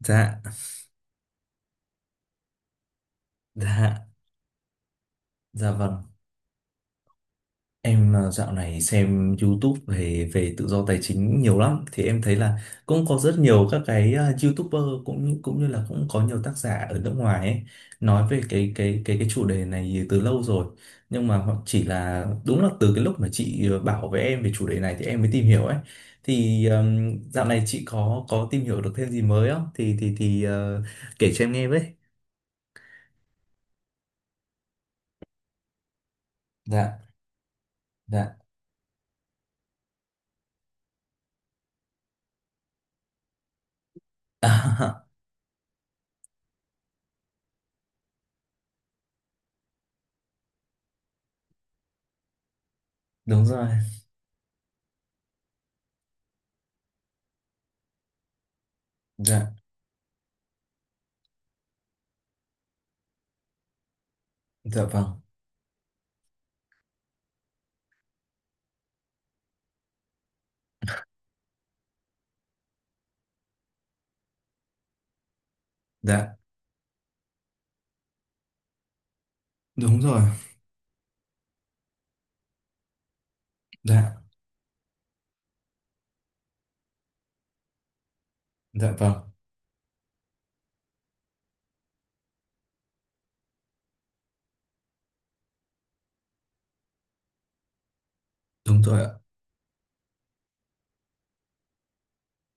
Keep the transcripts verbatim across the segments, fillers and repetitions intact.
Dạ, dạ, dạ vâng. Em à, dạo này xem YouTube về về tự do tài chính nhiều lắm thì em thấy là cũng có rất nhiều các cái à, YouTuber cũng như cũng như là cũng có nhiều tác giả ở nước ngoài ấy nói về cái cái cái cái chủ đề này từ lâu rồi. Nhưng mà họ chỉ là đúng là từ cái lúc mà chị ờ, bảo với em về chủ đề này thì em mới tìm hiểu ấy. Thì ừm, dạo này chị có có tìm hiểu được thêm gì mới không? Thì thì thì ờ, kể cho em nghe với. Dạ, dạ. Đúng rồi. Dạ. Dạ vâng, dạ, đúng rồi, dạ, dạ vâng, đúng rồi ạ.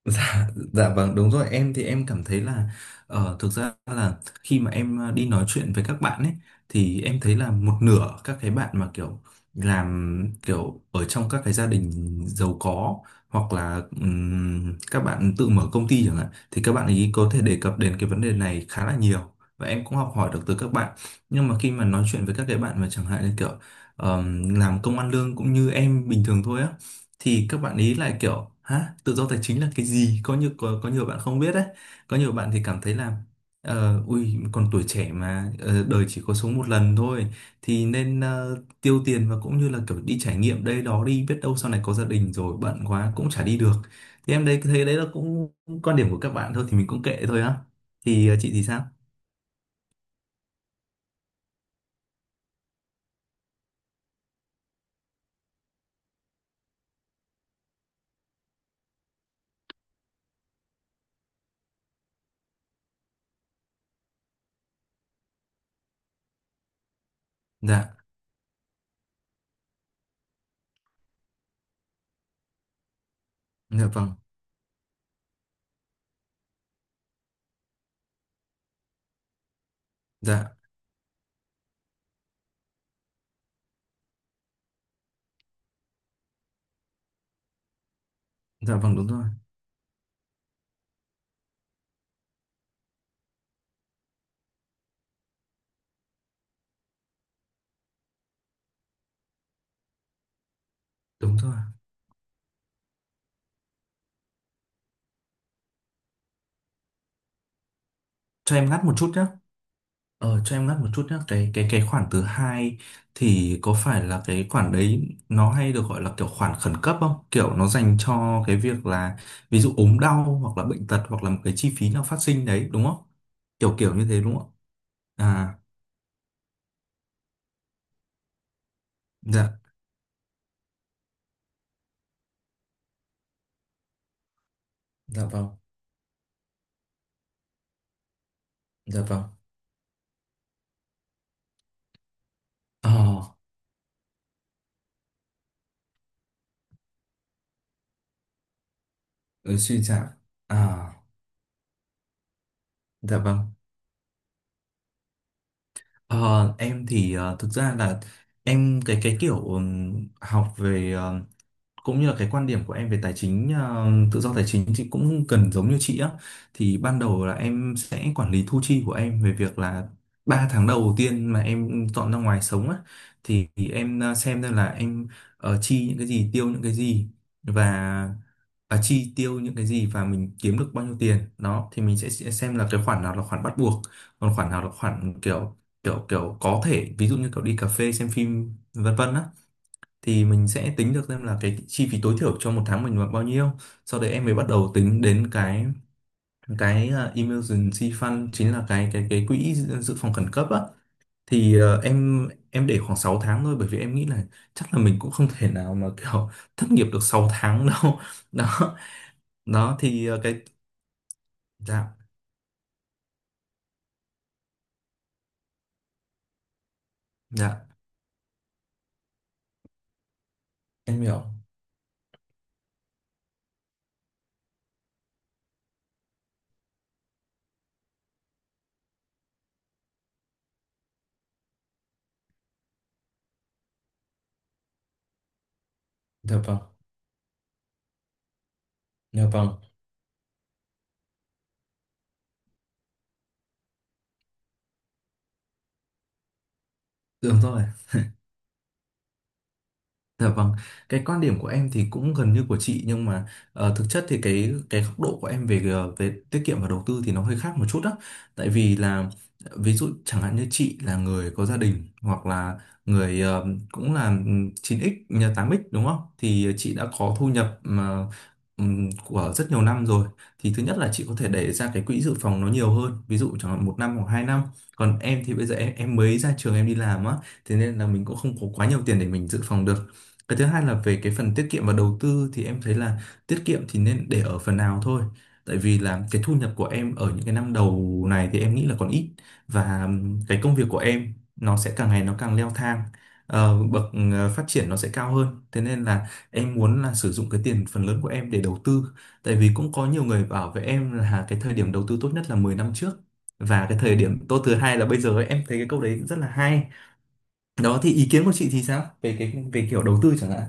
Dạ, dạ vâng đúng rồi em thì em cảm thấy là ờ, thực ra là khi mà em ờ, đi nói chuyện với các bạn ấy thì em thấy là một nửa các cái bạn mà kiểu làm kiểu ở trong các cái gia đình giàu có hoặc là ừm, các bạn tự mở công ty chẳng hạn thì các bạn ấy có thể đề cập đến cái vấn đề này khá là nhiều và em cũng học hỏi được từ các bạn nhưng mà khi mà nói chuyện với các cái bạn mà chẳng hạn như kiểu ờm, làm công ăn lương cũng như em bình thường thôi á thì các bạn ý lại kiểu hả tự do tài chính là cái gì có như có, có nhiều bạn không biết đấy có nhiều bạn thì cảm thấy là ờ, ui còn tuổi trẻ mà ờ, đời chỉ có sống một lần thôi thì nên ờ, tiêu tiền và cũng như là kiểu đi trải nghiệm đây đó đi biết đâu sau này có gia đình rồi bận quá cũng chả đi được thì em đấy thấy đấy là cũng quan điểm của các bạn thôi thì mình cũng kệ thôi á thì ờ, chị thì sao dạ dạ vâng dạ dạ vâng đúng rồi đúng rồi cho em ngắt một chút nhé. Ờ, cho em ngắt một chút nhé cái cái cái khoản thứ hai thì có phải là cái khoản đấy nó hay được gọi là kiểu khoản khẩn cấp không, kiểu nó dành cho cái việc là ví dụ ốm đau hoặc là bệnh tật hoặc là một cái chi phí nào phát sinh đấy đúng không, kiểu kiểu như thế đúng không? À, dạ, dạ vâng, dạ vâng. ờ ừ, suy giảm. À, dạ vâng. ờ em thì ờ, thực ra là em cái cái kiểu ừm, học về ờ, cũng như là cái quan điểm của em về tài chính ờ, tự do tài chính thì cũng cần giống như chị á thì ban đầu là em sẽ quản lý thu chi của em về việc là ba tháng đầu tiên mà em dọn ra ngoài sống á thì, thì em ờ, xem xem là em ờ, chi những cái gì tiêu những cái gì và à, chi tiêu những cái gì và mình kiếm được bao nhiêu tiền đó thì mình sẽ sẽ xem là cái khoản nào là khoản bắt buộc còn khoản nào là khoản kiểu kiểu kiểu có thể ví dụ như kiểu đi cà phê xem phim vân vân á thì mình sẽ tính được xem là cái chi phí tối thiểu cho một tháng mình là bao nhiêu sau đấy em mới bắt đầu tính đến cái cái à, emergency fund chính là cái cái cái quỹ dự dự phòng khẩn cấp á thì ờ, em em để khoảng sáu tháng thôi bởi vì em nghĩ là chắc là mình cũng không thể nào mà kiểu thất nghiệp được sáu tháng đâu đó đó thì ờ, cái dạ dạ em hiểu dạ vâng dạ vâng đúng rồi. Dạ vâng, cái quan điểm của em thì cũng gần như của chị nhưng mà ờ, thực chất thì cái cái góc độ của em về ờ, về tiết kiệm và đầu tư thì nó hơi khác một chút đó. Tại vì là ví dụ chẳng hạn như chị là người có gia đình hoặc là người ờ, cũng là ừm, chín x nhà tám x đúng không? Thì chị đã có thu nhập mà ừm, của rất nhiều năm rồi. Thì thứ nhất là chị có thể để ra cái quỹ dự phòng nó nhiều hơn, ví dụ chẳng hạn một năm hoặc hai năm. Còn em thì bây giờ em em mới ra trường em đi làm á, thế nên là mình cũng không có quá nhiều tiền để mình dự phòng được cái thứ hai là về cái phần tiết kiệm và đầu tư thì em thấy là tiết kiệm thì nên để ở phần nào thôi. Tại vì là cái thu nhập của em ở những cái năm đầu này thì em nghĩ là còn ít và ừm, cái công việc của em nó sẽ càng ngày nó càng leo thang. Ờ, bậc ờ, phát triển nó sẽ cao hơn. Thế nên là em muốn là sử dụng cái tiền phần lớn của em để đầu tư. Tại vì cũng có nhiều người bảo với em là cái thời điểm đầu tư tốt nhất là mười năm trước và cái thời điểm tốt thứ hai là bây giờ ấy. Em thấy cái câu đấy rất là hay. Đó thì ý kiến của chị thì sao? Về cái về kiểu đầu tư chẳng hạn.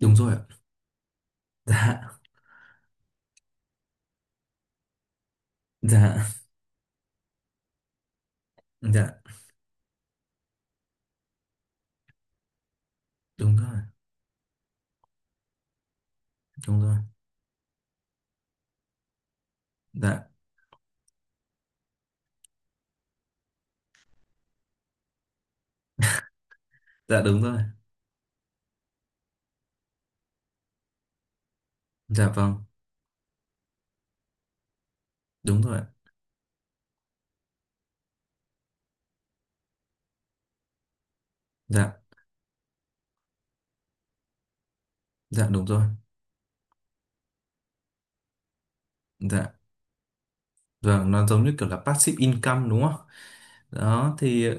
Đúng rồi ạ, dạ, dạ, dạ đúng rồi, đúng rồi, dạ, dạ đúng rồi, dạ vâng đúng rồi ạ, dạ, dạ đúng rồi, dạ vâng nó giống như kiểu là passive income đúng không, đó thì.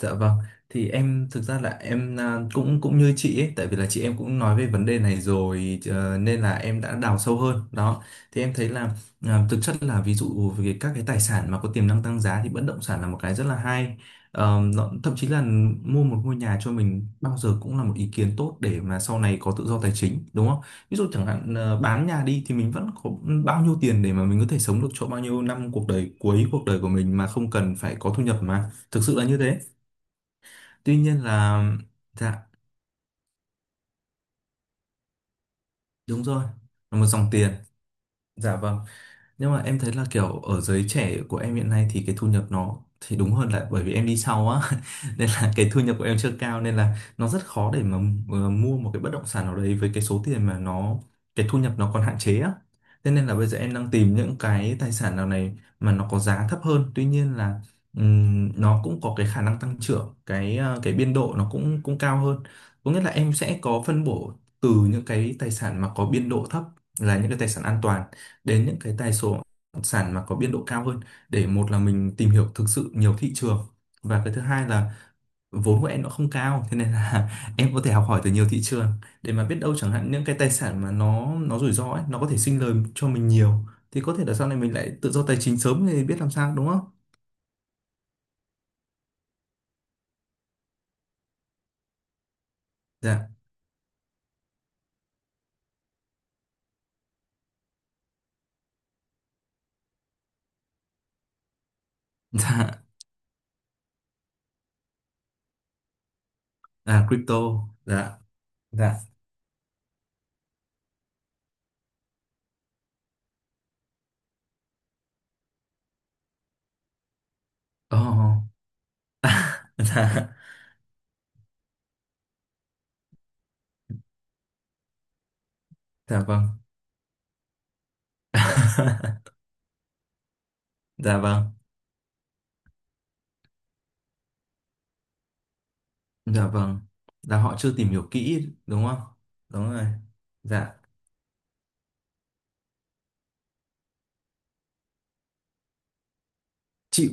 Dạ vâng, thì em thực ra là em à, cũng cũng như chị ấy, tại vì là chị em cũng nói về vấn đề này rồi ờ, nên là em đã đào sâu hơn. Đó, thì em thấy là à, thực chất là ví dụ về các cái tài sản mà có tiềm năng tăng giá thì bất động sản là một cái rất là hay. Ờ, nó, thậm chí là mua một ngôi nhà cho mình bao giờ cũng là một ý kiến tốt để mà sau này có tự do tài chính, đúng không? Ví dụ chẳng hạn ờ, bán nhà đi thì mình vẫn có bao nhiêu tiền để mà mình có thể sống được cho bao nhiêu năm cuộc đời cuối cuộc đời của mình mà không cần phải có thu nhập mà. Thực sự là như thế. Tuy nhiên là dạ đúng rồi, là một dòng tiền, dạ vâng. Nhưng mà em thấy là kiểu ở giới trẻ của em hiện nay thì cái thu nhập nó thì đúng hơn là bởi vì em đi sau á nên là cái thu nhập của em chưa cao nên là nó rất khó để mà ờ, mua một cái bất động sản nào đấy với cái số tiền mà nó cái thu nhập nó còn hạn chế á. Thế nên là bây giờ em đang tìm những cái tài sản nào này mà nó có giá thấp hơn. Tuy nhiên là ừm, nó cũng có cái khả năng tăng trưởng, cái ờ, cái biên độ nó cũng cũng cao hơn. Có nghĩa là em sẽ có phân bổ từ những cái tài sản mà có biên độ thấp là những cái tài sản an toàn đến những cái tài số sản mà có biên độ cao hơn để một là mình tìm hiểu thực sự nhiều thị trường và cái thứ hai là vốn của em nó không cao thế nên là em có thể học hỏi từ nhiều thị trường để mà biết đâu chẳng hạn những cái tài sản mà nó nó rủi ro ấy nó có thể sinh lời cho mình nhiều thì có thể là sau này mình lại tự do tài chính sớm thì biết làm sao đúng không, dạ, dạ, à crypto, dạ, dạ, oh, dạ, dạ vâng, dạ vâng. Dạ vâng, là họ chưa tìm hiểu kỹ đúng không? Đúng rồi. Dạ, chịu.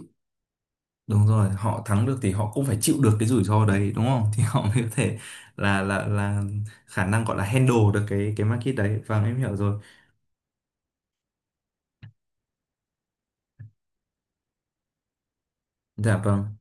Đúng rồi, họ thắng được thì họ cũng phải chịu được cái rủi ro đấy đúng không? Thì họ mới có thể là là là khả năng gọi là handle được cái cái market đấy. Vâng, em hiểu rồi. Dạ vâng.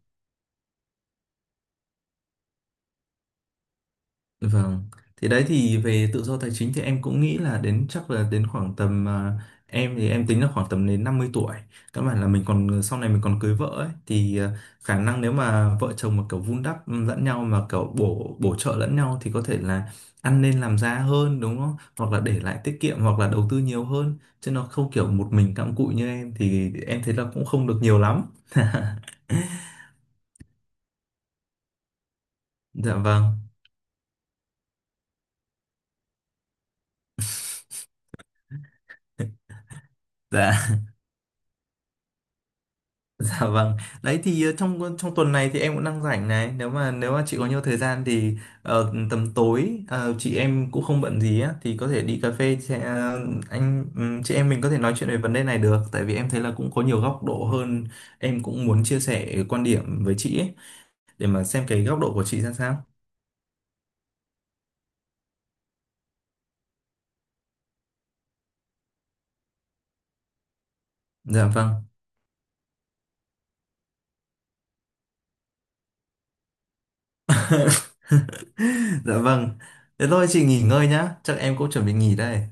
Vâng, thì đấy thì về tự do tài chính thì em cũng nghĩ là đến chắc là đến khoảng tầm à, em thì em tính là khoảng tầm đến năm mươi tuổi. Các bạn là mình còn sau này mình còn cưới vợ ấy thì à, khả năng nếu mà vợ chồng mà kiểu vun đắp lẫn nhau mà kiểu bổ bổ trợ lẫn nhau thì có thể là ăn nên làm ra hơn đúng không? Hoặc là để lại tiết kiệm hoặc là đầu tư nhiều hơn chứ nó không kiểu một mình cặm cụi như em thì em thấy là cũng không được nhiều lắm. Dạ vâng. Dạ. Dạ vâng. Đấy thì ờ, trong ờ, trong tuần này thì em cũng đang rảnh này. Nếu mà nếu mà chị có nhiều thời gian thì ờ, tầm tối ờ, chị em cũng không bận gì á thì có thể đi cà phê chị- ờ, anh ừm, chị em mình có thể nói chuyện về vấn đề này được. Tại vì em thấy là cũng có nhiều góc độ hơn. Em cũng muốn chia sẻ quan điểm với chị ấy, để mà xem cái góc độ của chị ra sao. Dạ vâng. Dạ vâng. Thế thôi chị nghỉ ngơi nhá. Chắc em cũng chuẩn bị nghỉ đây.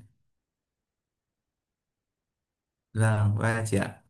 Vâng, bye chị ạ.